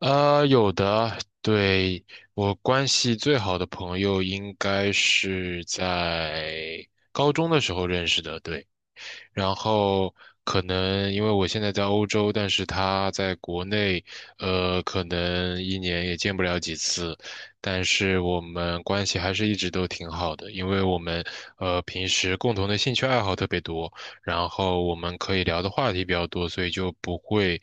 有的，对，我关系最好的朋友应该是在高中的时候认识的，对。然后可能因为我现在在欧洲，但是他在国内，可能一年也见不了几次，但是我们关系还是一直都挺好的，因为我们平时共同的兴趣爱好特别多，然后我们可以聊的话题比较多，所以就不会，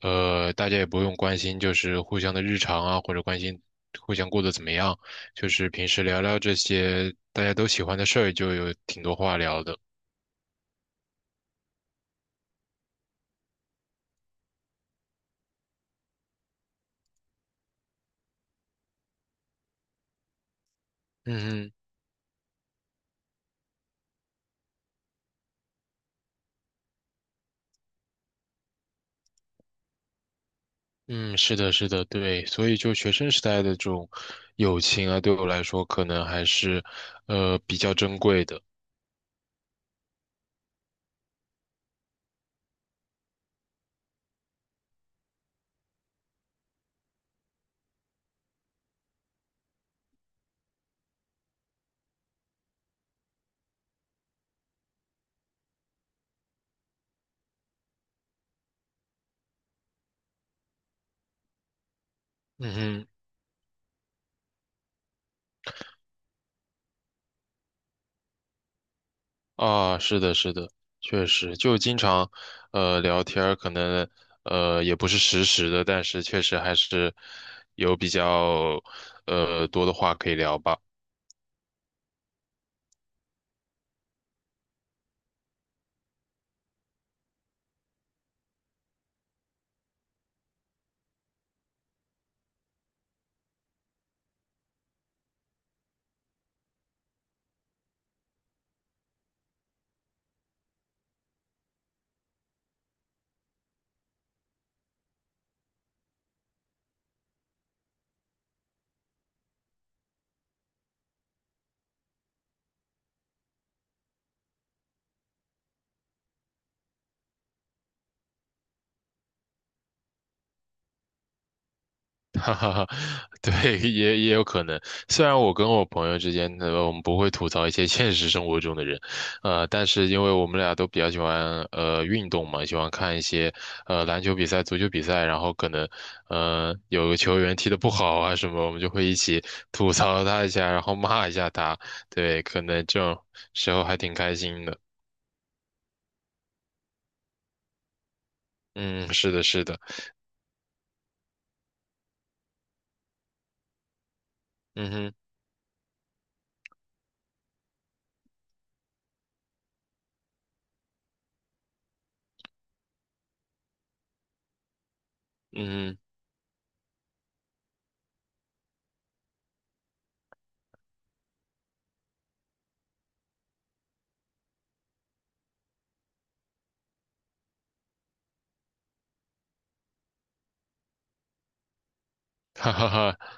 大家也不用关心就是互相的日常啊，或者关心互相过得怎么样，就是平时聊聊这些大家都喜欢的事儿，就有挺多话聊的。嗯嗯嗯，是的，是的，对，所以就学生时代的这种友情啊，对我来说可能还是，比较珍贵的。嗯哼。啊，是的，是的，确实，就经常，聊天儿，可能，也不是实时的，但是确实还是有比较，多的话可以聊吧。哈哈哈，对，也有可能。虽然我跟我朋友之间，我们不会吐槽一些现实生活中的人，但是因为我们俩都比较喜欢运动嘛，喜欢看一些篮球比赛、足球比赛，然后可能有个球员踢得不好啊什么，我们就会一起吐槽他一下，然后骂一下他。对，可能这种时候还挺开心的。嗯，是的，是的，嗯哼，嗯哼，哈哈哈。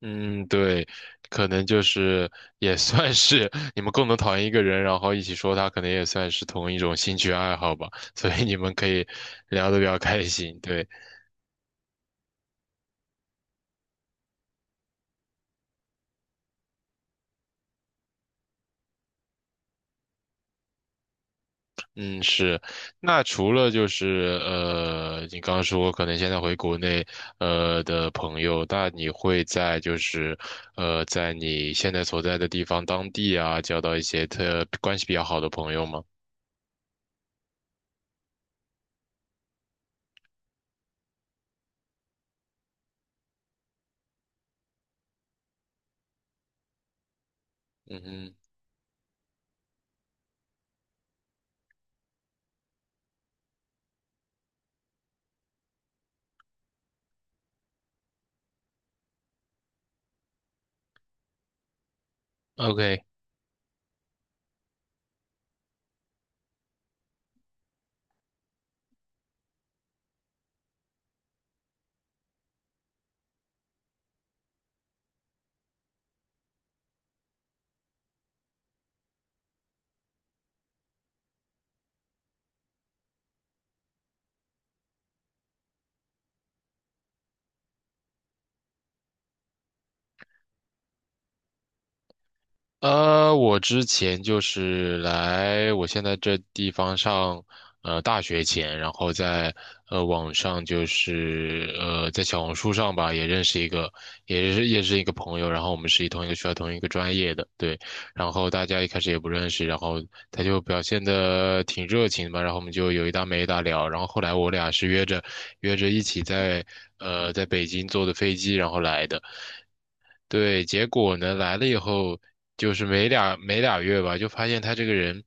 嗯，对，可能就是也算是 你们共同讨厌一个人，然后一起说他，可能也算是同一种兴趣爱好吧，所以你们可以聊得比较开心。对，嗯，是。那除了就是你刚刚说可能现在回国内的朋友，那你会在就是在你现在所在的地方当地啊，交到一些特关系比较好的朋友吗？嗯哼。OK,我之前就是来我现在这地方上，大学前，然后在网上就是在小红书上吧，也认识一个，也是一个朋友，然后我们是一同一个学校同一个专业的，对，然后大家一开始也不认识，然后他就表现的挺热情的吧，然后我们就有一搭没一搭聊，然后后来我俩是约着一起在在北京坐的飞机，然后来的。对，结果呢，来了以后，就是没俩月吧，就发现他这个人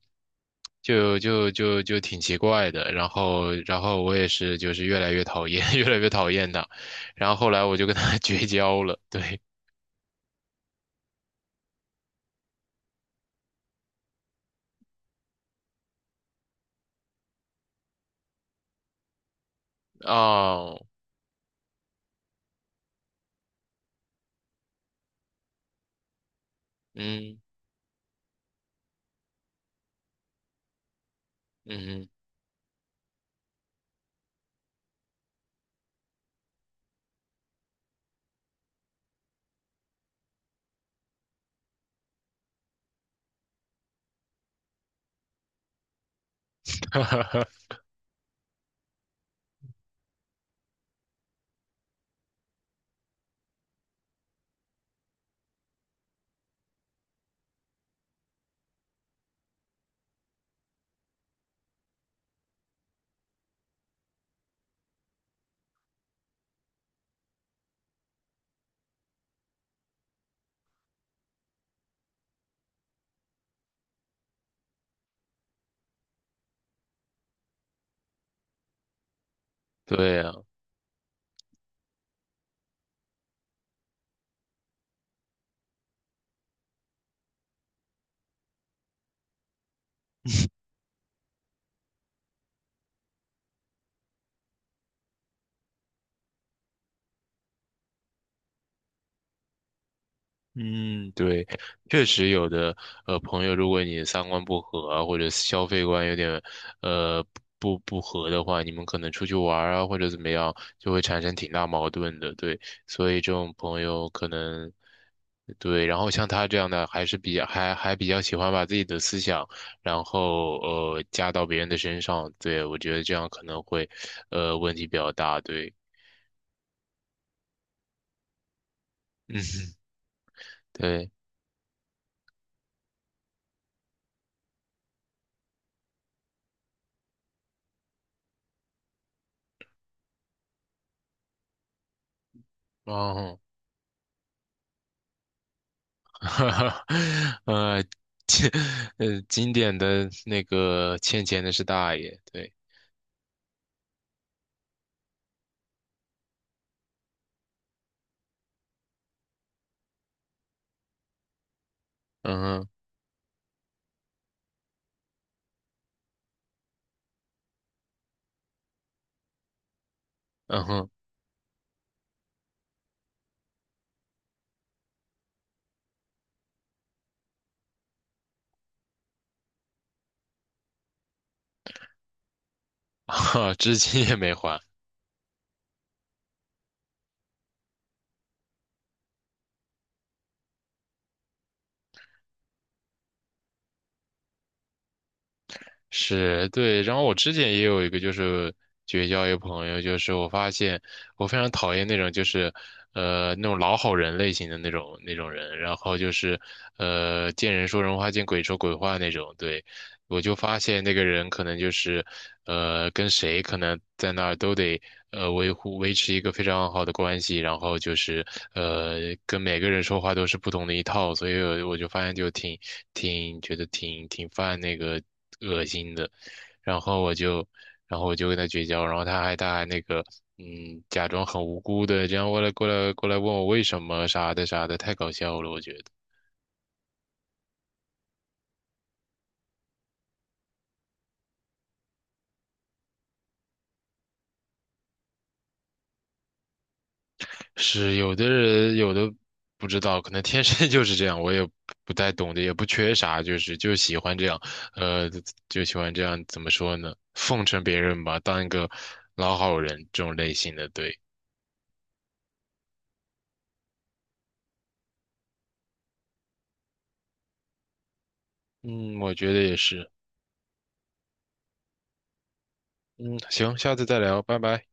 就挺奇怪的。然后，然后我也是，就是越来越讨厌，越来越讨厌他。然后后来我就跟他 绝交了。对，哦，嗯嗯，哈哈，对呀、嗯，对，确实有的，朋友，如果你三观不合啊或者消费观有点，呃，不合的话，你们可能出去玩儿啊，或者怎么样，就会产生挺大矛盾的，对，所以这种朋友可能，对，然后像他这样的，还是比较还比较喜欢把自己的思想，然后加到别人的身上，对，我觉得这样可能会，问题比较大，对，嗯，对，哦。哈哈，呃，经经典的那个欠钱的是大爷，对，嗯哼，嗯哼，哈，至今也没还，是对。然后我之前也有一个就是绝交一个朋友，就是我发现我非常讨厌那种就是那种老好人类型的那种人，然后就是见人说人话，见鬼说鬼话那种，对。我就发现那个人可能就是，跟谁可能在那儿都得维持一个非常好的关系，然后就是跟每个人说话都是不同的一套，所以我就发现就挺觉得挺犯那个恶心的，然后我就然后我就跟他绝交，然后他还他还那个。嗯，假装很无辜的，这样过来问我为什么啥的啥的，太搞笑了，我觉得。是有的人有的不知道，可能天生 就是这样，我也不太懂的，也不缺啥，就是就喜欢这样，呃，就喜欢这样，怎么说呢？奉承别人吧，当一个老好人这种类型的，对，嗯，我觉得也是，嗯，行，下次再聊，拜拜。